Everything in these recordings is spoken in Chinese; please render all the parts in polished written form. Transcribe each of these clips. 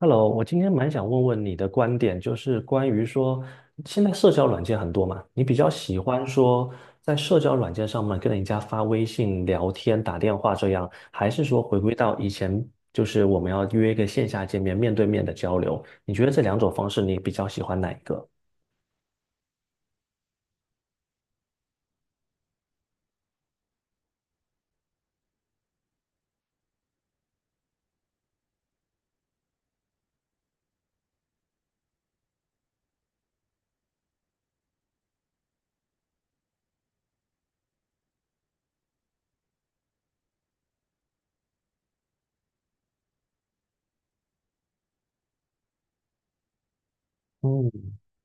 Hello，我今天蛮想问问你的观点，就是关于说，现在社交软件很多嘛，你比较喜欢说在社交软件上面跟人家发微信聊天、打电话这样，还是说回归到以前，就是我们要约一个线下见面、面对面的交流？你觉得这两种方式，你比较喜欢哪一个？嗯，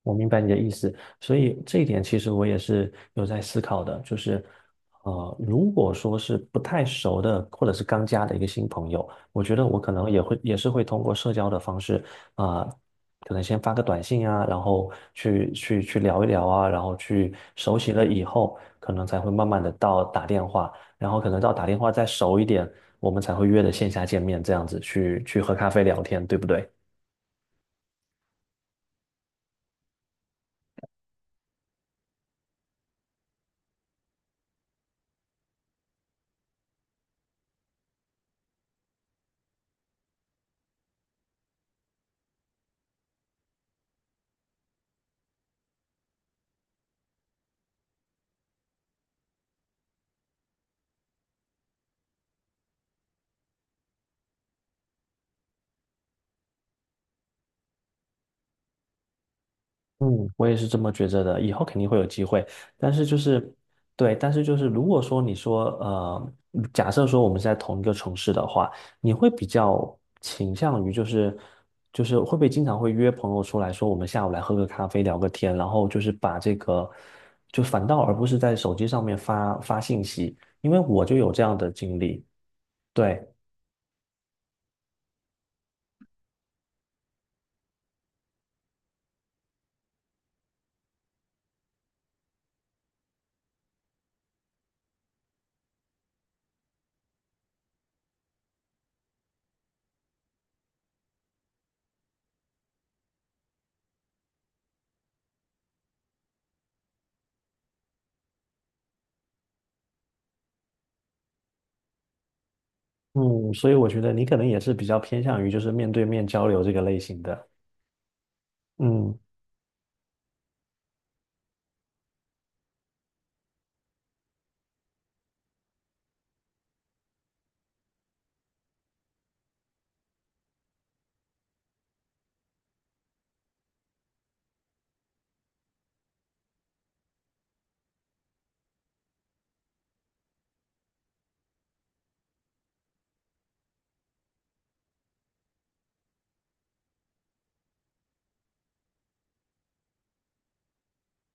我明白你的意思，所以这一点其实我也是有在思考的，就是，如果说是不太熟的或者是刚加的一个新朋友，我觉得我可能也会也是会通过社交的方式，啊、可能先发个短信啊，然后去聊一聊啊，然后去熟悉了以后，可能才会慢慢的到打电话，然后可能到打电话再熟一点，我们才会约的线下见面，这样子去喝咖啡聊天，对不对？嗯，我也是这么觉着的，以后肯定会有机会。但是就是，对，但是就是，如果说你说，假设说我们是在同一个城市的话，你会比较倾向于就是，就是会不会经常会约朋友出来说，我们下午来喝个咖啡，聊个天，然后就是把这个，就反倒而不是在手机上面发发信息，因为我就有这样的经历。对，嗯，所以我觉得你可能也是比较偏向于就是面对面交流这个类型的。嗯。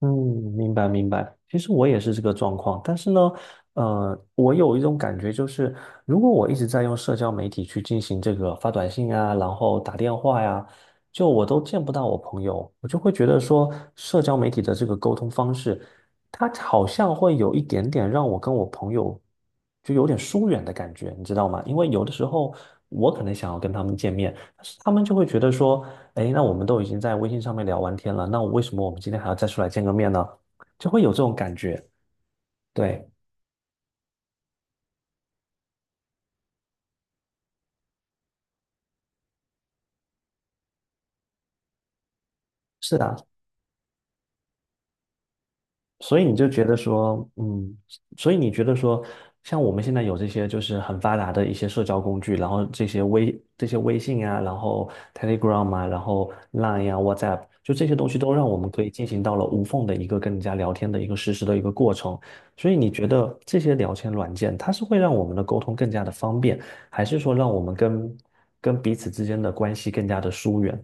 嗯，明白明白。其实我也是这个状况，但是呢，我有一种感觉，就是如果我一直在用社交媒体去进行这个发短信啊，然后打电话呀，就我都见不到我朋友，我就会觉得说，社交媒体的这个沟通方式，它好像会有一点点让我跟我朋友就有点疏远的感觉，你知道吗？因为有的时候我可能想要跟他们见面，但是他们就会觉得说。诶，那我们都已经在微信上面聊完天了，那为什么我们今天还要再出来见个面呢？就会有这种感觉。对，是的。所以你就觉得说，嗯，所以你觉得说，像我们现在有这些就是很发达的一些社交工具，然后这些微信啊，然后 Telegram 啊，然后 Line 啊，WhatsApp，就这些东西都让我们可以进行到了无缝的一个跟人家聊天的一个实时的一个过程。所以你觉得这些聊天软件，它是会让我们的沟通更加的方便，还是说让我们跟彼此之间的关系更加的疏远？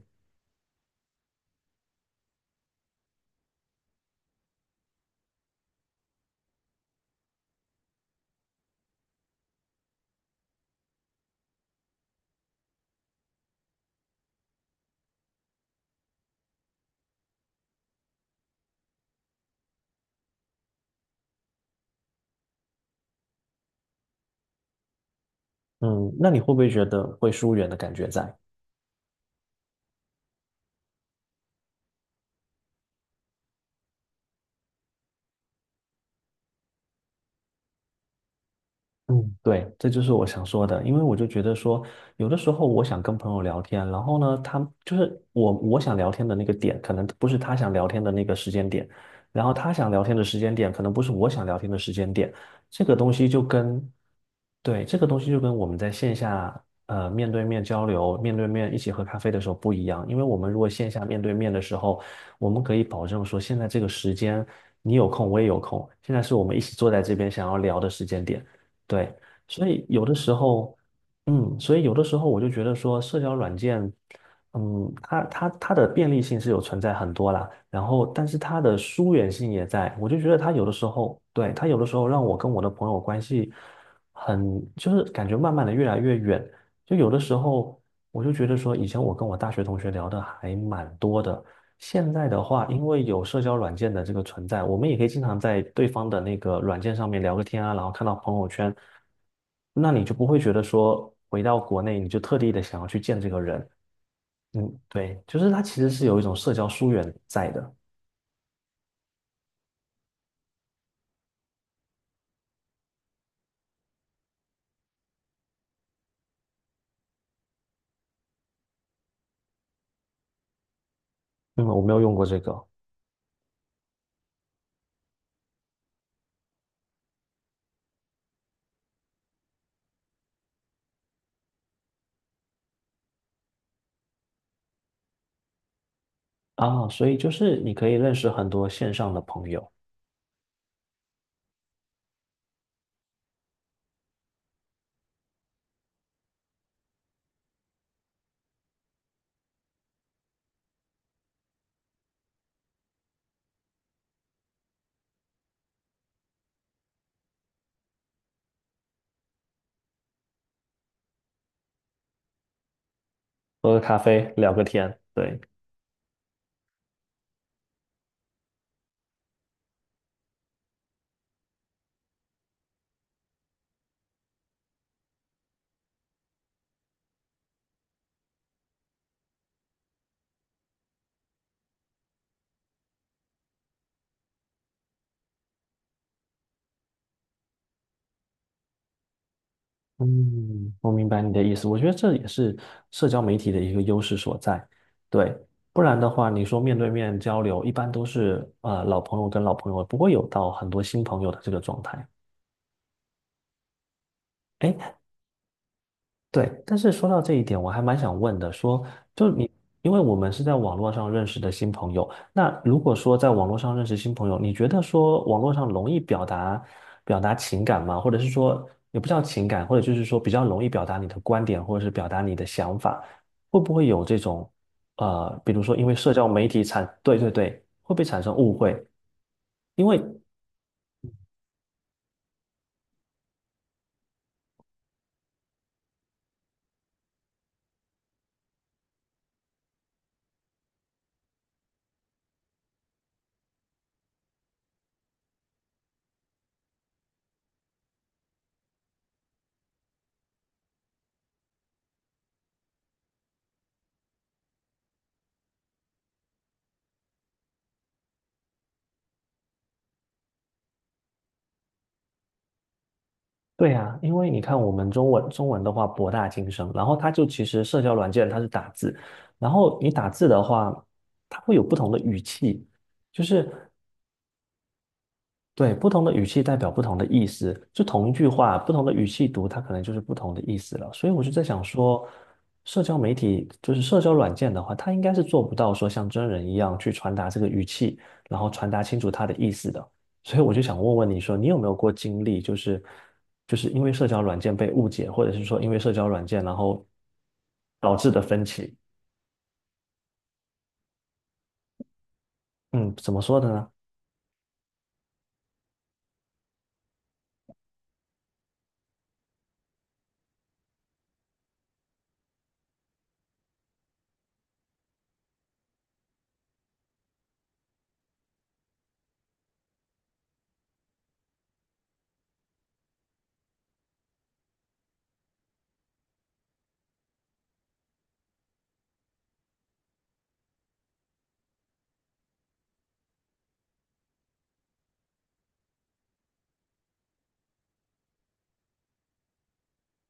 嗯，那你会不会觉得会疏远的感觉在？嗯，对，这就是我想说的，因为我就觉得说，有的时候我想跟朋友聊天，然后呢，他就是我想聊天的那个点，可能不是他想聊天的那个时间点，然后他想聊天的时间点，可能不是我想聊天的时间点，这个东西就跟对，这个东西就跟我们在线下面对面交流、面对面一起喝咖啡的时候不一样，因为我们如果线下面对面的时候，我们可以保证说现在这个时间你有空，我也有空，现在是我们一起坐在这边想要聊的时间点。对，所以有的时候，嗯，所以有的时候我就觉得说社交软件，嗯，它的便利性是有存在很多啦，然后但是它的疏远性也在，我就觉得它有的时候，对，它有的时候让我跟我的朋友关系。很，就是感觉慢慢的越来越远。就有的时候，我就觉得说，以前我跟我大学同学聊的还蛮多的。现在的话，因为有社交软件的这个存在，我们也可以经常在对方的那个软件上面聊个天啊，然后看到朋友圈，那你就不会觉得说回到国内你就特地的想要去见这个人。嗯，对，就是它其实是有一种社交疏远在的。嗯，我没有用过这个啊，所以就是你可以认识很多线上的朋友，喝个咖啡，聊个天。对。嗯，我明白你的意思。我觉得这也是社交媒体的一个优势所在。对，不然的话，你说面对面交流，一般都是老朋友跟老朋友，不会有到很多新朋友的这个状态。对，但是说到这一点，我还蛮想问的，说，就你，因为我们是在网络上认识的新朋友，那如果说在网络上认识新朋友，你觉得说网络上容易表达表达情感吗？或者是说，也不叫情感，或者就是说比较容易表达你的观点，或者是表达你的想法，会不会有这种，比如说因为社交媒体产，对对对，会不会产生误会？因为对啊，因为你看我们中文的话博大精深，然后它就其实社交软件它是打字，然后你打字的话，它会有不同的语气，就是对，不同的语气代表不同的意思，就同一句话，不同的语气读，它可能就是不同的意思了。所以我就在想说，社交媒体就是社交软件的话，它应该是做不到说像真人一样去传达这个语气，然后传达清楚它的意思的。所以我就想问问你说，你有没有过经历，就是就是因为社交软件被误解，或者是说因为社交软件然后导致的分歧？嗯，怎么说的呢？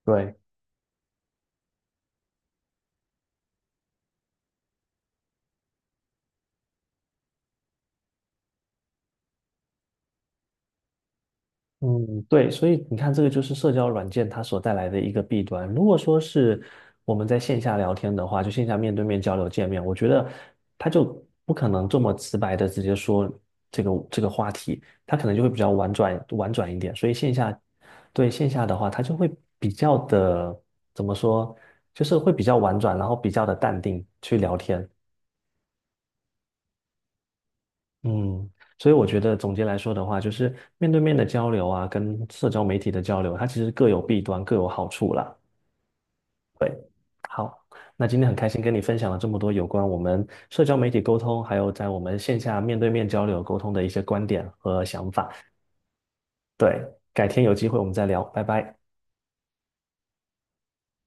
对。嗯，对，所以你看，这个就是社交软件它所带来的一个弊端。如果说是我们在线下聊天的话，就线下面对面交流见面，我觉得他就不可能这么直白的直接说这个话题，他可能就会比较婉转一点。所以线下对线下的话，他就会比较的怎么说，就是会比较婉转，然后比较的淡定去聊天。嗯，所以我觉得总结来说的话，就是面对面的交流啊，跟社交媒体的交流，它其实各有弊端，各有好处啦。对，好，那今天很开心跟你分享了这么多有关我们社交媒体沟通，还有在我们线下面对面交流沟通的一些观点和想法。对，改天有机会我们再聊，拜拜。